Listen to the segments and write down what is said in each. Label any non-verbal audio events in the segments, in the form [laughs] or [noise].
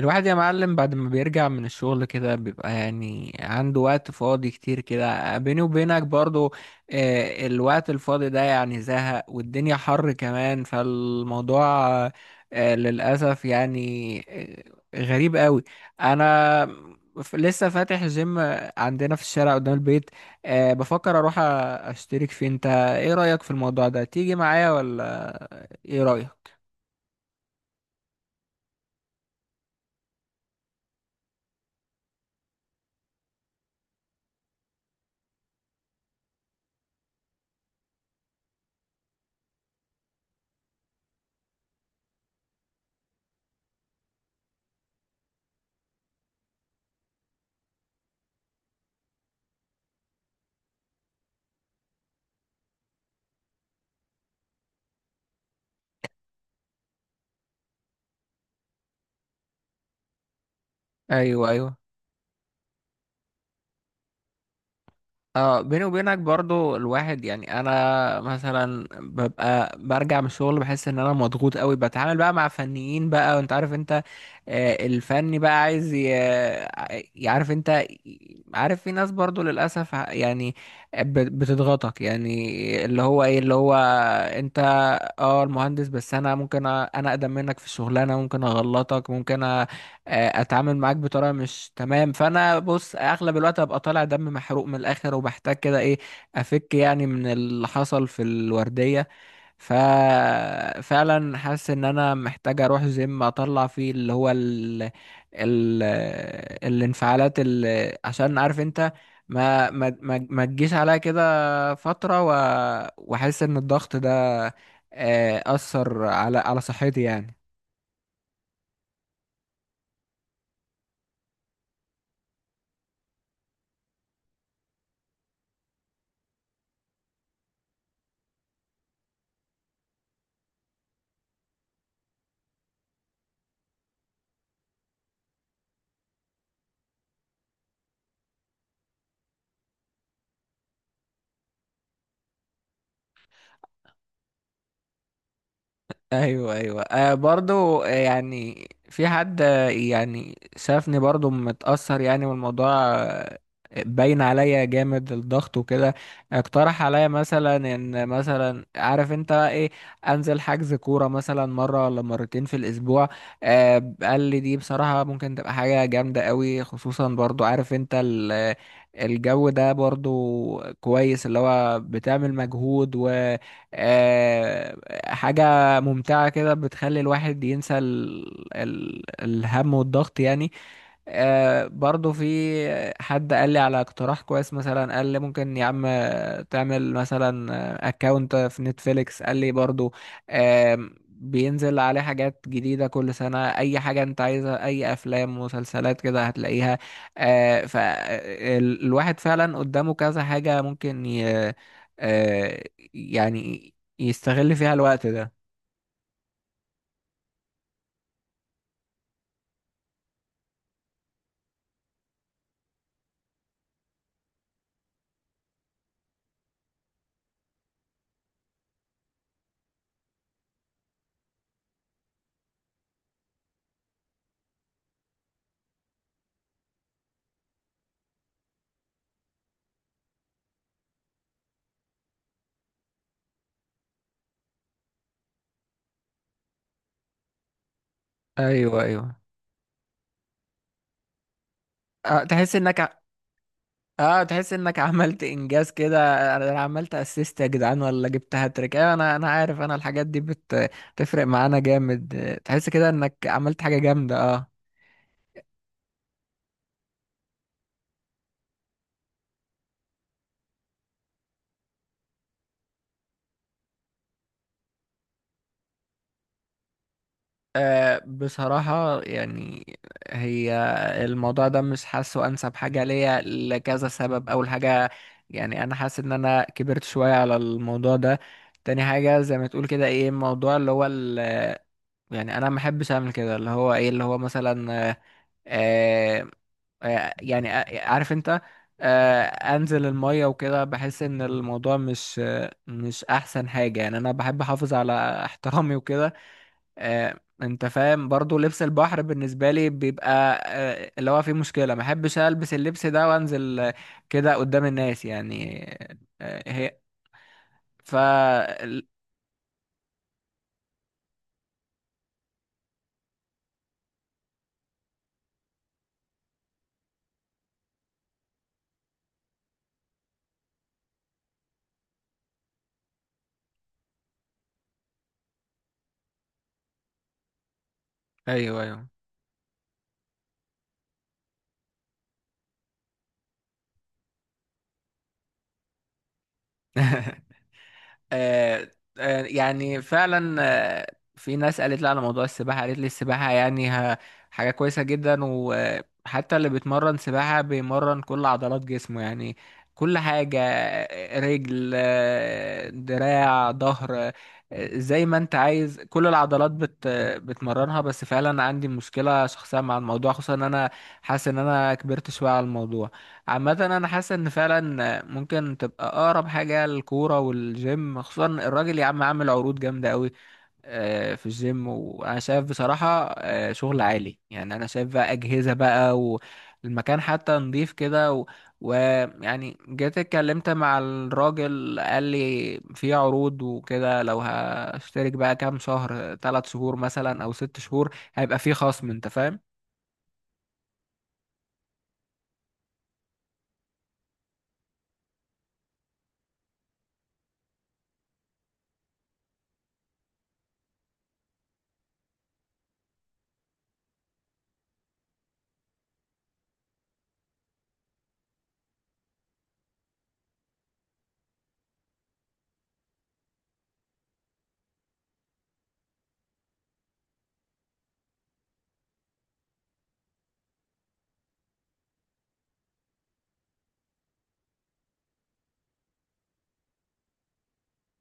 الواحد يا معلم، بعد ما بيرجع من الشغل كده بيبقى يعني عنده وقت فاضي كتير كده، بيني وبينك برضو. آه، الوقت الفاضي ده يعني زهق، والدنيا حر كمان، فالموضوع آه، للأسف يعني. آه، غريب قوي. أنا لسه فاتح جيم عندنا في الشارع قدام البيت. آه، بفكر أروح أشترك فيه. أنت إيه رأيك في الموضوع ده، تيجي معايا ولا إيه رأيك؟ أيوه، أيوه. اه، بيني وبينك برضو الواحد يعني. انا مثلا ببقى برجع من الشغل، بحس ان انا مضغوط قوي، بتعامل بقى مع فنيين بقى، وانت عارف انت. آه، الفني بقى عايز يعرف انت، عارف في ناس برضو للاسف يعني بتضغطك، يعني اللي هو ايه اللي هو انت. اه، المهندس، بس انا ممكن انا اقدم منك في الشغلانه، ممكن اغلطك، ممكن آه، اتعامل معاك بطريقه مش تمام. فانا بص اغلب الوقت ابقى طالع دم، محروق من الاخر، وبحتاج كده ايه، افك يعني من اللي حصل في الورديه. ففعلا حاسس ان انا محتاج اروح جيم اطلع فيه اللي هو ال... الانفعالات، اللي عشان عارف انت، ما تجيش عليا كده فتره، واحس ان الضغط ده اثر على صحتي يعني. ايوه، ايوه. آه، برضو، آه يعني في حد يعني شافني برضو متأثر، يعني والموضوع آه، باين عليا جامد الضغط وكده. اقترح عليا مثلا ان، مثلا عارف انت ايه، انزل حجز كورة مثلا مرة ولا مرتين في الاسبوع. آه، قال لي دي بصراحة ممكن تبقى حاجة جامدة قوي، خصوصا برضو عارف انت الجو ده برضو كويس، اللي هو بتعمل مجهود، و آه، حاجة ممتعة كده بتخلي الواحد ينسى الهم والضغط يعني. آه، برضو في حد قال لي على اقتراح كويس. مثلا قال لي ممكن يا عم تعمل مثلا اكاونت في نتفليكس. قال لي برضو آه، بينزل عليه حاجات جديدة كل سنة، أي حاجة أنت عايزها، أي أفلام مسلسلات كده هتلاقيها. آه، فالواحد فعلا قدامه كذا حاجة ممكن آه، يعني يستغل فيها الوقت ده. ايوه، ايوه. آه، تحس انك اه، تحس انك عملت انجاز كده. أنا عملت اسيست يا جدعان، ولا جبت هاتريك. ايوه، انا عارف، انا الحاجات دي بتفرق معانا جامد. آه، تحس كده انك عملت حاجة جامدة. اه. آه، بصراحة يعني، هي الموضوع ده مش حاسه أنسب حاجة ليا لكذا سبب. أول حاجة، يعني أنا حاسس إن أنا كبرت شوية على الموضوع ده. تاني حاجة، زي ما تقول كده إيه، الموضوع اللي هو يعني انا ما بحبش اعمل كده، اللي هو ايه، اللي هو مثلا، آه آه آه، يعني آه، عارف انت آه، انزل المية وكده، بحس ان الموضوع مش، آه، مش احسن حاجة يعني. انا بحب احافظ على احترامي وكده. آه، انت فاهم برضو، لبس البحر بالنسبة لي بيبقى آه، اللي هو فيه مشكلة. ما بحبش البس اللبس ده وانزل آه، كده قدام الناس يعني. آه، آه، هي ف ايوه، ايوه. [laughs] آه، آه، يعني فعلا. آه، في ناس قالت لي على موضوع السباحة. قالت لي السباحة يعني حاجة كويسة جدا، وحتى اللي بيتمرن سباحة بيمرن كل عضلات جسمه يعني، كل حاجة آه، رجل، آه، دراع، ظهر. آه، زي ما انت عايز كل العضلات بتمرنها. بس فعلا عندي مشكلة شخصية مع الموضوع، خصوصا ان انا حاسس ان انا كبرت شوية على الموضوع. عامة أنا حاسس إن فعلا ممكن تبقى أقرب حاجة الكورة والجيم. خصوصا الراجل يا عم عامل عروض جامدة أوي آه، في الجيم، وأنا شايف بصراحة آه، شغل عالي. يعني أنا شايف بقى أجهزة بقى، والمكان حتى نضيف كده، ويعني جيت اتكلمت مع الراجل، قال لي في عروض وكده، لو هشترك بقى كام شهر، 3 شهور مثلا أو 6 شهور، هيبقى في خصم، أنت فاهم؟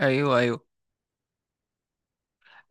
ايوه، ايوه.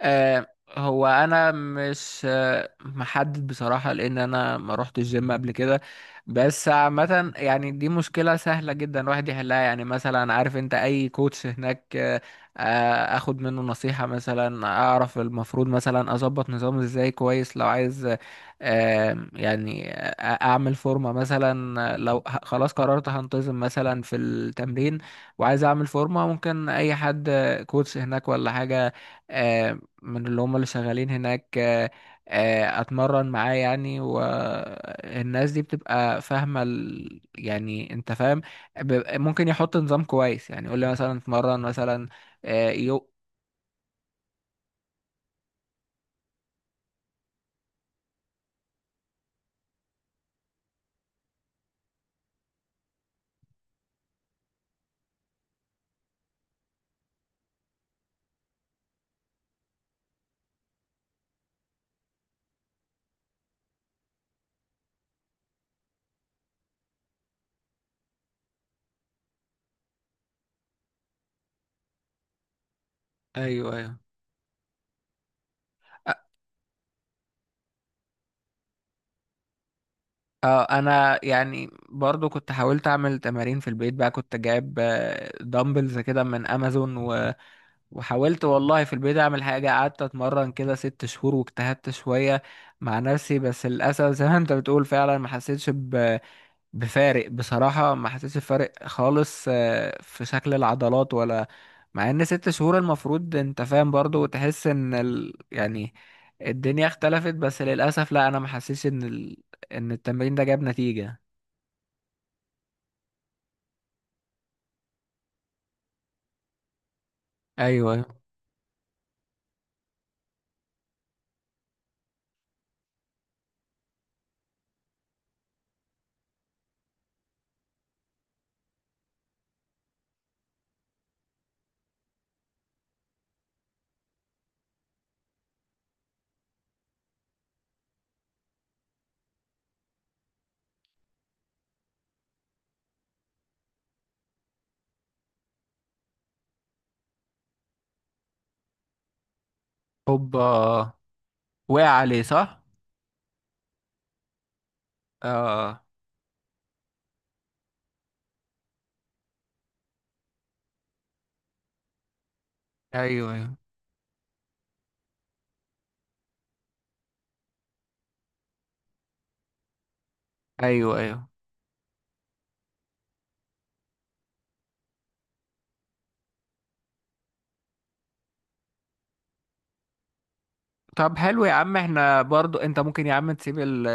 آه، هو انا مش، آه، محدد بصراحة، لان انا ما روحتش الجيم قبل كده. بس عامة يعني دي مشكلة سهلة جدا الواحد يحلها. يعني مثلا عارف انت اي كوتش هناك، آه، آه، اخد منه نصيحة مثلا، اعرف المفروض مثلا اظبط نظامي ازاي كويس. لو عايز آه، يعني آه، اعمل فورمة مثلا، آه، لو خلاص قررت هنتظم مثلا في التمرين، وعايز اعمل فورمة، ممكن اي حد آه، كوتش هناك ولا حاجة آه، من اللي هم اللي شغالين هناك، آه، آه، اتمرن معاه يعني. والناس دي بتبقى فاهمة يعني انت فاهم، ممكن يحط نظام كويس. يعني يقول لي مثلا اتمرن مثلا آه، ايوه، ايوه. اه، انا يعني برضو كنت حاولت اعمل تمارين في البيت بقى، كنت جايب دامبلز كده من امازون، وحاولت والله في البيت اعمل حاجة. قعدت اتمرن كده 6 شهور واجتهدت شوية مع نفسي، بس للاسف زي ما انت بتقول فعلا ما حسيتش بفارق، بصراحة ما حسيتش بفارق خالص آه، في شكل العضلات ولا، مع ان 6 شهور المفروض انت فاهم برضو تحس ان يعني الدنيا اختلفت، بس للأسف لا، انا ما حسيتش ان ان التمرين ده جاب نتيجة. ايوه، أيوة. هوبا. وقع عليه صح؟ اه، ايوه، ايوه، ايوه، ايوه. طب حلو يا عم، احنا برضو، انت ممكن يا عم تسيب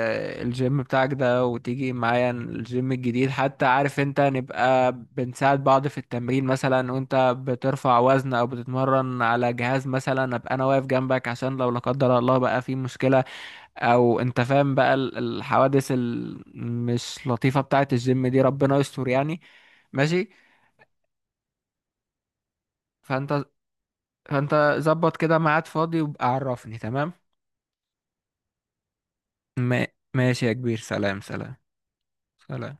الجيم بتاعك ده وتيجي معايا الجيم الجديد. حتى عارف انت نبقى بنساعد بعض في التمرين، مثلا وانت بترفع وزن او بتتمرن على جهاز مثلا، ابقى انا واقف جنبك عشان لو لا قدر الله بقى في مشكلة، او انت فاهم بقى الحوادث المش لطيفة بتاعة الجيم دي، ربنا يستر يعني. ماشي. فانت فانت ظبط كده ميعاد فاضي وابقى عرفني، تمام. ما- ماشي يا كبير. سلام، سلام، سلام.